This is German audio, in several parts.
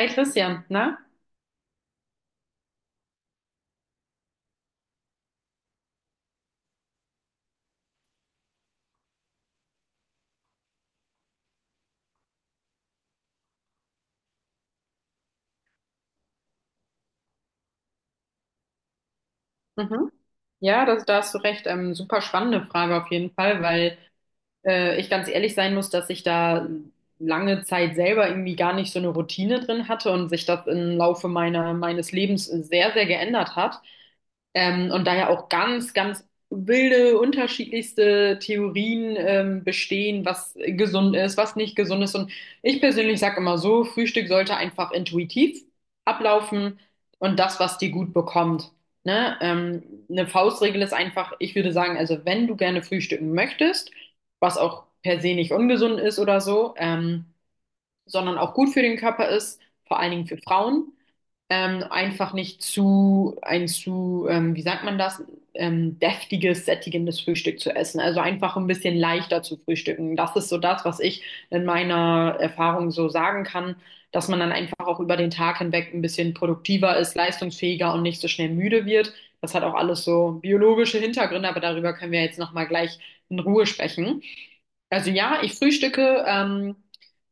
Hi Christian, na? Mhm. Ja, da hast du recht. Super spannende Frage auf jeden Fall, weil ich ganz ehrlich sein muss, dass ich da lange Zeit selber irgendwie gar nicht so eine Routine drin hatte und sich das im Laufe meines Lebens sehr, sehr geändert hat. Und da ja auch ganz, ganz wilde, unterschiedlichste Theorien bestehen, was gesund ist, was nicht gesund ist. Und ich persönlich sage immer so, Frühstück sollte einfach intuitiv ablaufen und das, was dir gut bekommt. Ne? Eine Faustregel ist einfach, ich würde sagen, also wenn du gerne frühstücken möchtest, was auch per se nicht ungesund ist oder so, sondern auch gut für den Körper ist, vor allen Dingen für Frauen einfach nicht zu, ein zu, wie sagt man das, deftiges, sättigendes Frühstück zu essen. Also einfach ein bisschen leichter zu frühstücken. Das ist so das, was ich in meiner Erfahrung so sagen kann, dass man dann einfach auch über den Tag hinweg ein bisschen produktiver ist, leistungsfähiger und nicht so schnell müde wird. Das hat auch alles so biologische Hintergründe, aber darüber können wir jetzt nochmal gleich in Ruhe sprechen. Also ja, ich frühstücke.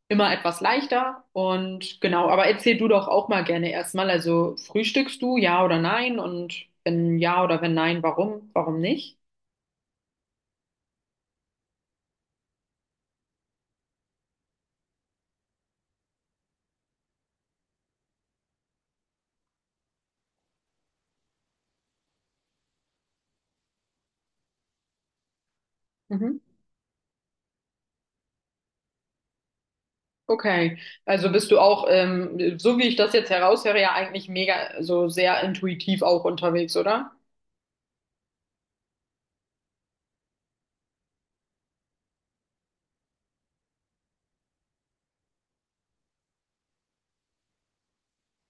Immer etwas leichter. Und genau, aber erzähl du doch auch mal gerne erstmal. Also frühstückst du, ja oder nein? Und wenn ja oder wenn nein, warum? Warum nicht? Mhm. Okay, also bist du auch, so wie ich das jetzt heraushöre, ja eigentlich mega, so sehr intuitiv auch unterwegs, oder?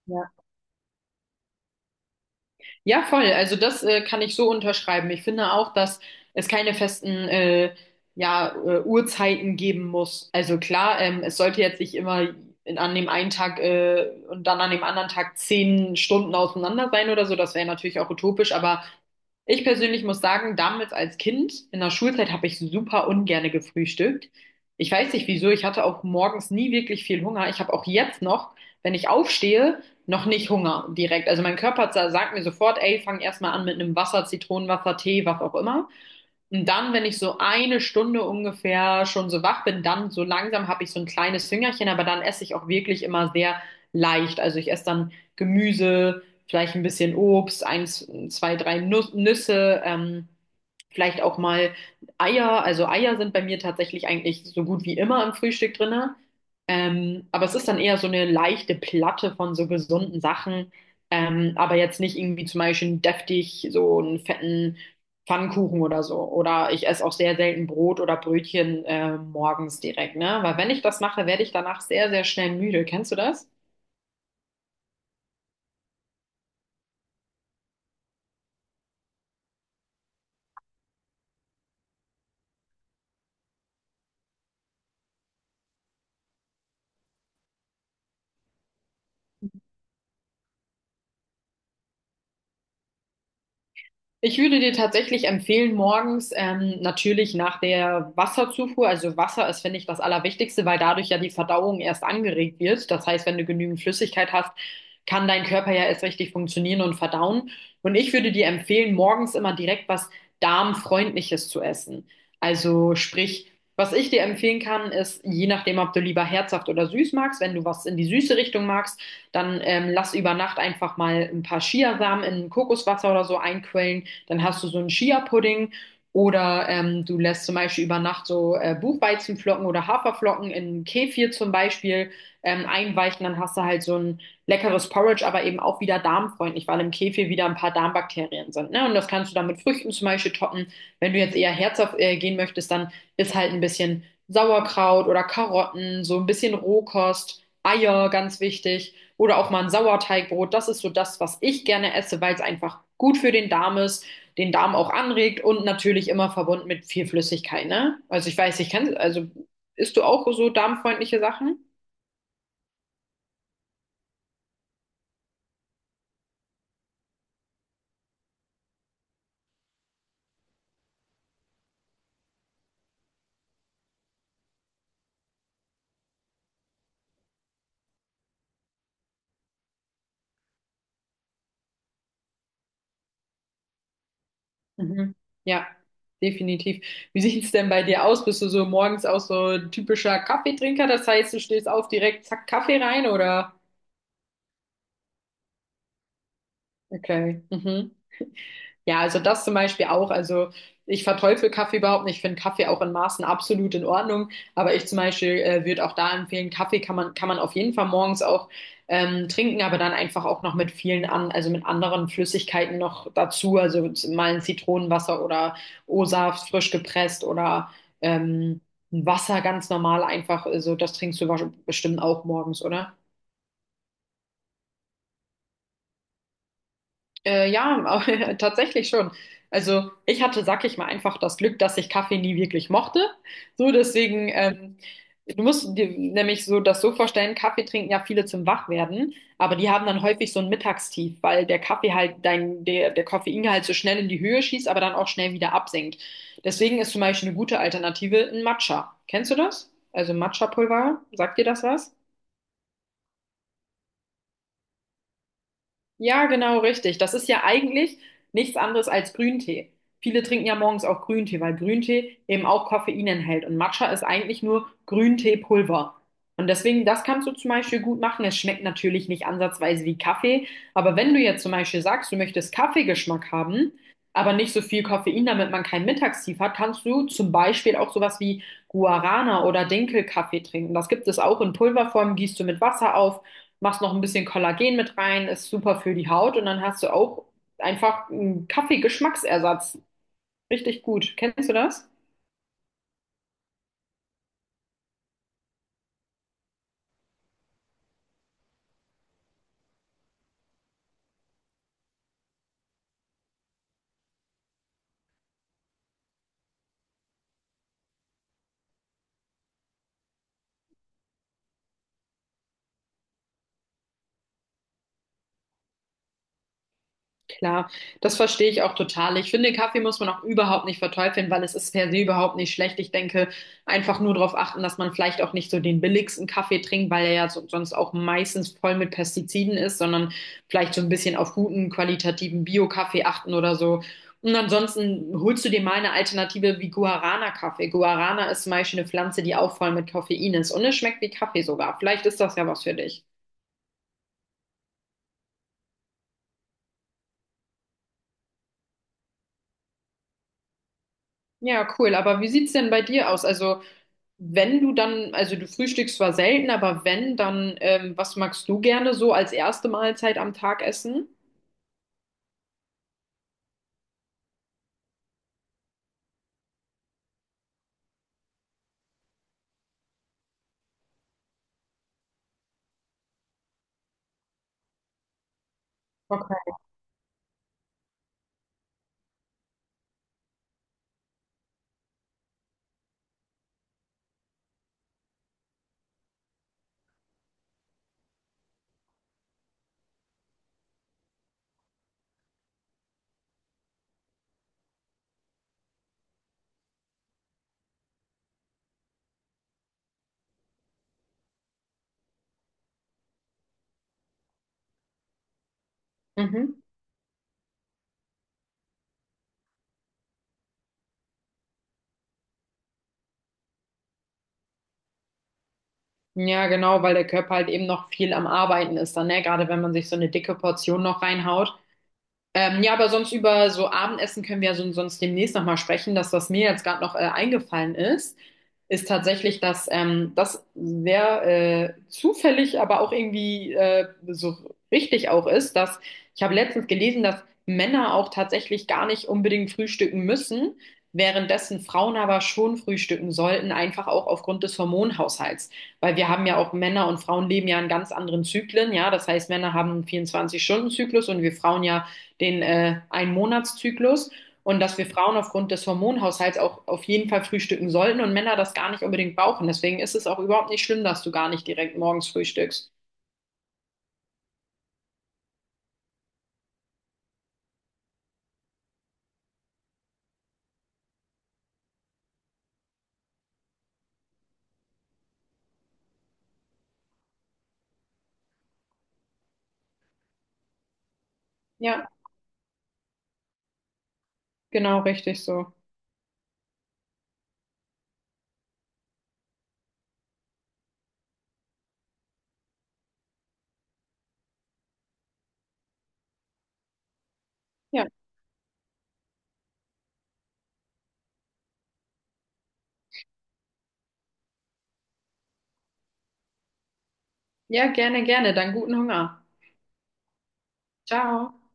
Ja. Ja, voll. Also das kann ich so unterschreiben. Ich finde auch, dass es keine festen ja, Uhrzeiten geben muss. Also klar, es sollte jetzt nicht immer an dem einen Tag und dann an dem anderen Tag 10 Stunden auseinander sein oder so. Das wäre natürlich auch utopisch. Aber ich persönlich muss sagen, damals als Kind in der Schulzeit habe ich super ungerne gefrühstückt. Ich weiß nicht wieso. Ich hatte auch morgens nie wirklich viel Hunger. Ich habe auch jetzt noch, wenn ich aufstehe, noch nicht Hunger direkt. Also mein Körper sagt mir sofort, ey, fang erstmal an mit einem Wasser, Zitronenwasser, Tee, was auch immer. Und dann, wenn ich so eine Stunde ungefähr schon so wach bin, dann so langsam habe ich so ein kleines Hüngerchen, aber dann esse ich auch wirklich immer sehr leicht. Also ich esse dann Gemüse, vielleicht ein bisschen Obst, eins, zwei, drei Nüsse, vielleicht auch mal Eier. Also Eier sind bei mir tatsächlich eigentlich so gut wie immer im Frühstück drinne. Aber es ist dann eher so eine leichte Platte von so gesunden Sachen. Aber jetzt nicht irgendwie zum Beispiel deftig so einen fetten Pfannkuchen oder so. Oder ich esse auch sehr selten Brot oder Brötchen morgens direkt, ne? Weil wenn ich das mache, werde ich danach sehr, sehr schnell müde. Kennst du das? Ich würde dir tatsächlich empfehlen, morgens natürlich nach der Wasserzufuhr, also Wasser ist, finde ich, das Allerwichtigste, weil dadurch ja die Verdauung erst angeregt wird. Das heißt, wenn du genügend Flüssigkeit hast, kann dein Körper ja erst richtig funktionieren und verdauen. Und ich würde dir empfehlen, morgens immer direkt was Darmfreundliches zu essen. Also sprich, was ich dir empfehlen kann, ist, je nachdem, ob du lieber herzhaft oder süß magst, wenn du was in die süße Richtung magst, dann lass über Nacht einfach mal ein paar Chiasamen in Kokoswasser oder so einquellen. Dann hast du so einen Chia-Pudding oder du lässt zum Beispiel über Nacht so Buchweizenflocken oder Haferflocken in Kefir zum Beispiel einweichen, dann hast du halt so ein leckeres Porridge, aber eben auch wieder darmfreundlich, weil im Kefir wieder ein paar Darmbakterien sind. Ne? Und das kannst du dann mit Früchten zum Beispiel toppen. Wenn du jetzt eher herzhaft gehen möchtest, dann ist halt ein bisschen Sauerkraut oder Karotten, so ein bisschen Rohkost, Eier, ganz wichtig. Oder auch mal ein Sauerteigbrot. Das ist so das, was ich gerne esse, weil es einfach gut für den Darm ist, den Darm auch anregt und natürlich immer verbunden mit viel Flüssigkeit, ne? Also ich weiß, ich kann, also isst du auch so darmfreundliche Sachen? Mhm. Ja, definitiv. Wie sieht es denn bei dir aus? Bist du so morgens auch so ein typischer Kaffeetrinker? Das heißt, du stehst auf direkt, zack, Kaffee rein oder? Okay. Mhm. Ja, also das zum Beispiel auch. Also ich verteufel Kaffee überhaupt nicht. Ich finde Kaffee auch in Maßen absolut in Ordnung. Aber ich zum Beispiel würde auch da empfehlen, Kaffee kann man auf jeden Fall morgens auch trinken, aber dann einfach auch noch mit vielen an, also mit anderen Flüssigkeiten noch dazu. Also mal ein Zitronenwasser oder O-Saft frisch gepresst oder ähm, ein Wasser ganz normal einfach. Also das trinkst du bestimmt auch morgens, oder? Ja, tatsächlich schon. Also ich hatte, sag ich mal, einfach das Glück, dass ich Kaffee nie wirklich mochte. So, deswegen, du musst dir nämlich so das so vorstellen, Kaffee trinken ja viele zum Wachwerden, aber die haben dann häufig so ein Mittagstief, weil der Kaffee halt der Koffeingehalt so schnell in die Höhe schießt, aber dann auch schnell wieder absinkt. Deswegen ist zum Beispiel eine gute Alternative ein Matcha. Kennst du das? Also Matcha-Pulver, sagt dir das was? Ja, genau, richtig. Das ist ja eigentlich nichts anderes als Grüntee. Viele trinken ja morgens auch Grüntee, weil Grüntee eben auch Koffein enthält. Und Matcha ist eigentlich nur Grünteepulver. Und deswegen, das kannst du zum Beispiel gut machen. Es schmeckt natürlich nicht ansatzweise wie Kaffee. Aber wenn du jetzt zum Beispiel sagst, du möchtest Kaffeegeschmack haben, aber nicht so viel Koffein, damit man keinen Mittagstief hat, kannst du zum Beispiel auch sowas wie Guarana oder Dinkelkaffee trinken. Das gibt es auch in Pulverform, gießt du mit Wasser auf, machst noch ein bisschen Kollagen mit rein, ist super für die Haut und dann hast du auch einfach einen Kaffeegeschmacksersatz. Richtig gut. Kennst du das? Klar, das verstehe ich auch total. Ich finde, Kaffee muss man auch überhaupt nicht verteufeln, weil es ist per se überhaupt nicht schlecht. Ich denke, einfach nur darauf achten, dass man vielleicht auch nicht so den billigsten Kaffee trinkt, weil er ja so, sonst auch meistens voll mit Pestiziden ist, sondern vielleicht so ein bisschen auf guten, qualitativen Bio-Kaffee achten oder so. Und ansonsten holst du dir mal eine Alternative wie Guarana-Kaffee. Guarana ist zum Beispiel eine Pflanze, die auch voll mit Koffein ist und es schmeckt wie Kaffee sogar. Vielleicht ist das ja was für dich. Ja, cool. Aber wie sieht's denn bei dir aus? Also wenn du dann, also du frühstückst zwar selten, aber wenn, dann was magst du gerne so als erste Mahlzeit am Tag essen? Okay. Mhm. Ja, genau, weil der Körper halt eben noch viel am Arbeiten ist dann, ne? Gerade wenn man sich so eine dicke Portion noch reinhaut. Ja, aber sonst über so Abendessen können wir ja so, sonst demnächst nochmal sprechen. Das, was mir jetzt gerade noch eingefallen ist, ist tatsächlich, dass das sehr zufällig, aber auch irgendwie so richtig auch ist, dass ich habe letztens gelesen, dass Männer auch tatsächlich gar nicht unbedingt frühstücken müssen, währenddessen Frauen aber schon frühstücken sollten, einfach auch aufgrund des Hormonhaushalts. Weil wir haben ja auch Männer und Frauen leben ja in ganz anderen Zyklen, ja. Das heißt, Männer haben einen 24-Stunden-Zyklus und wir Frauen ja den Einmonatszyklus und dass wir Frauen aufgrund des Hormonhaushalts auch auf jeden Fall frühstücken sollten und Männer das gar nicht unbedingt brauchen. Deswegen ist es auch überhaupt nicht schlimm, dass du gar nicht direkt morgens frühstückst. Ja, genau, richtig so. Ja, ja, gerne, gerne. Dann guten Hunger. Ciao.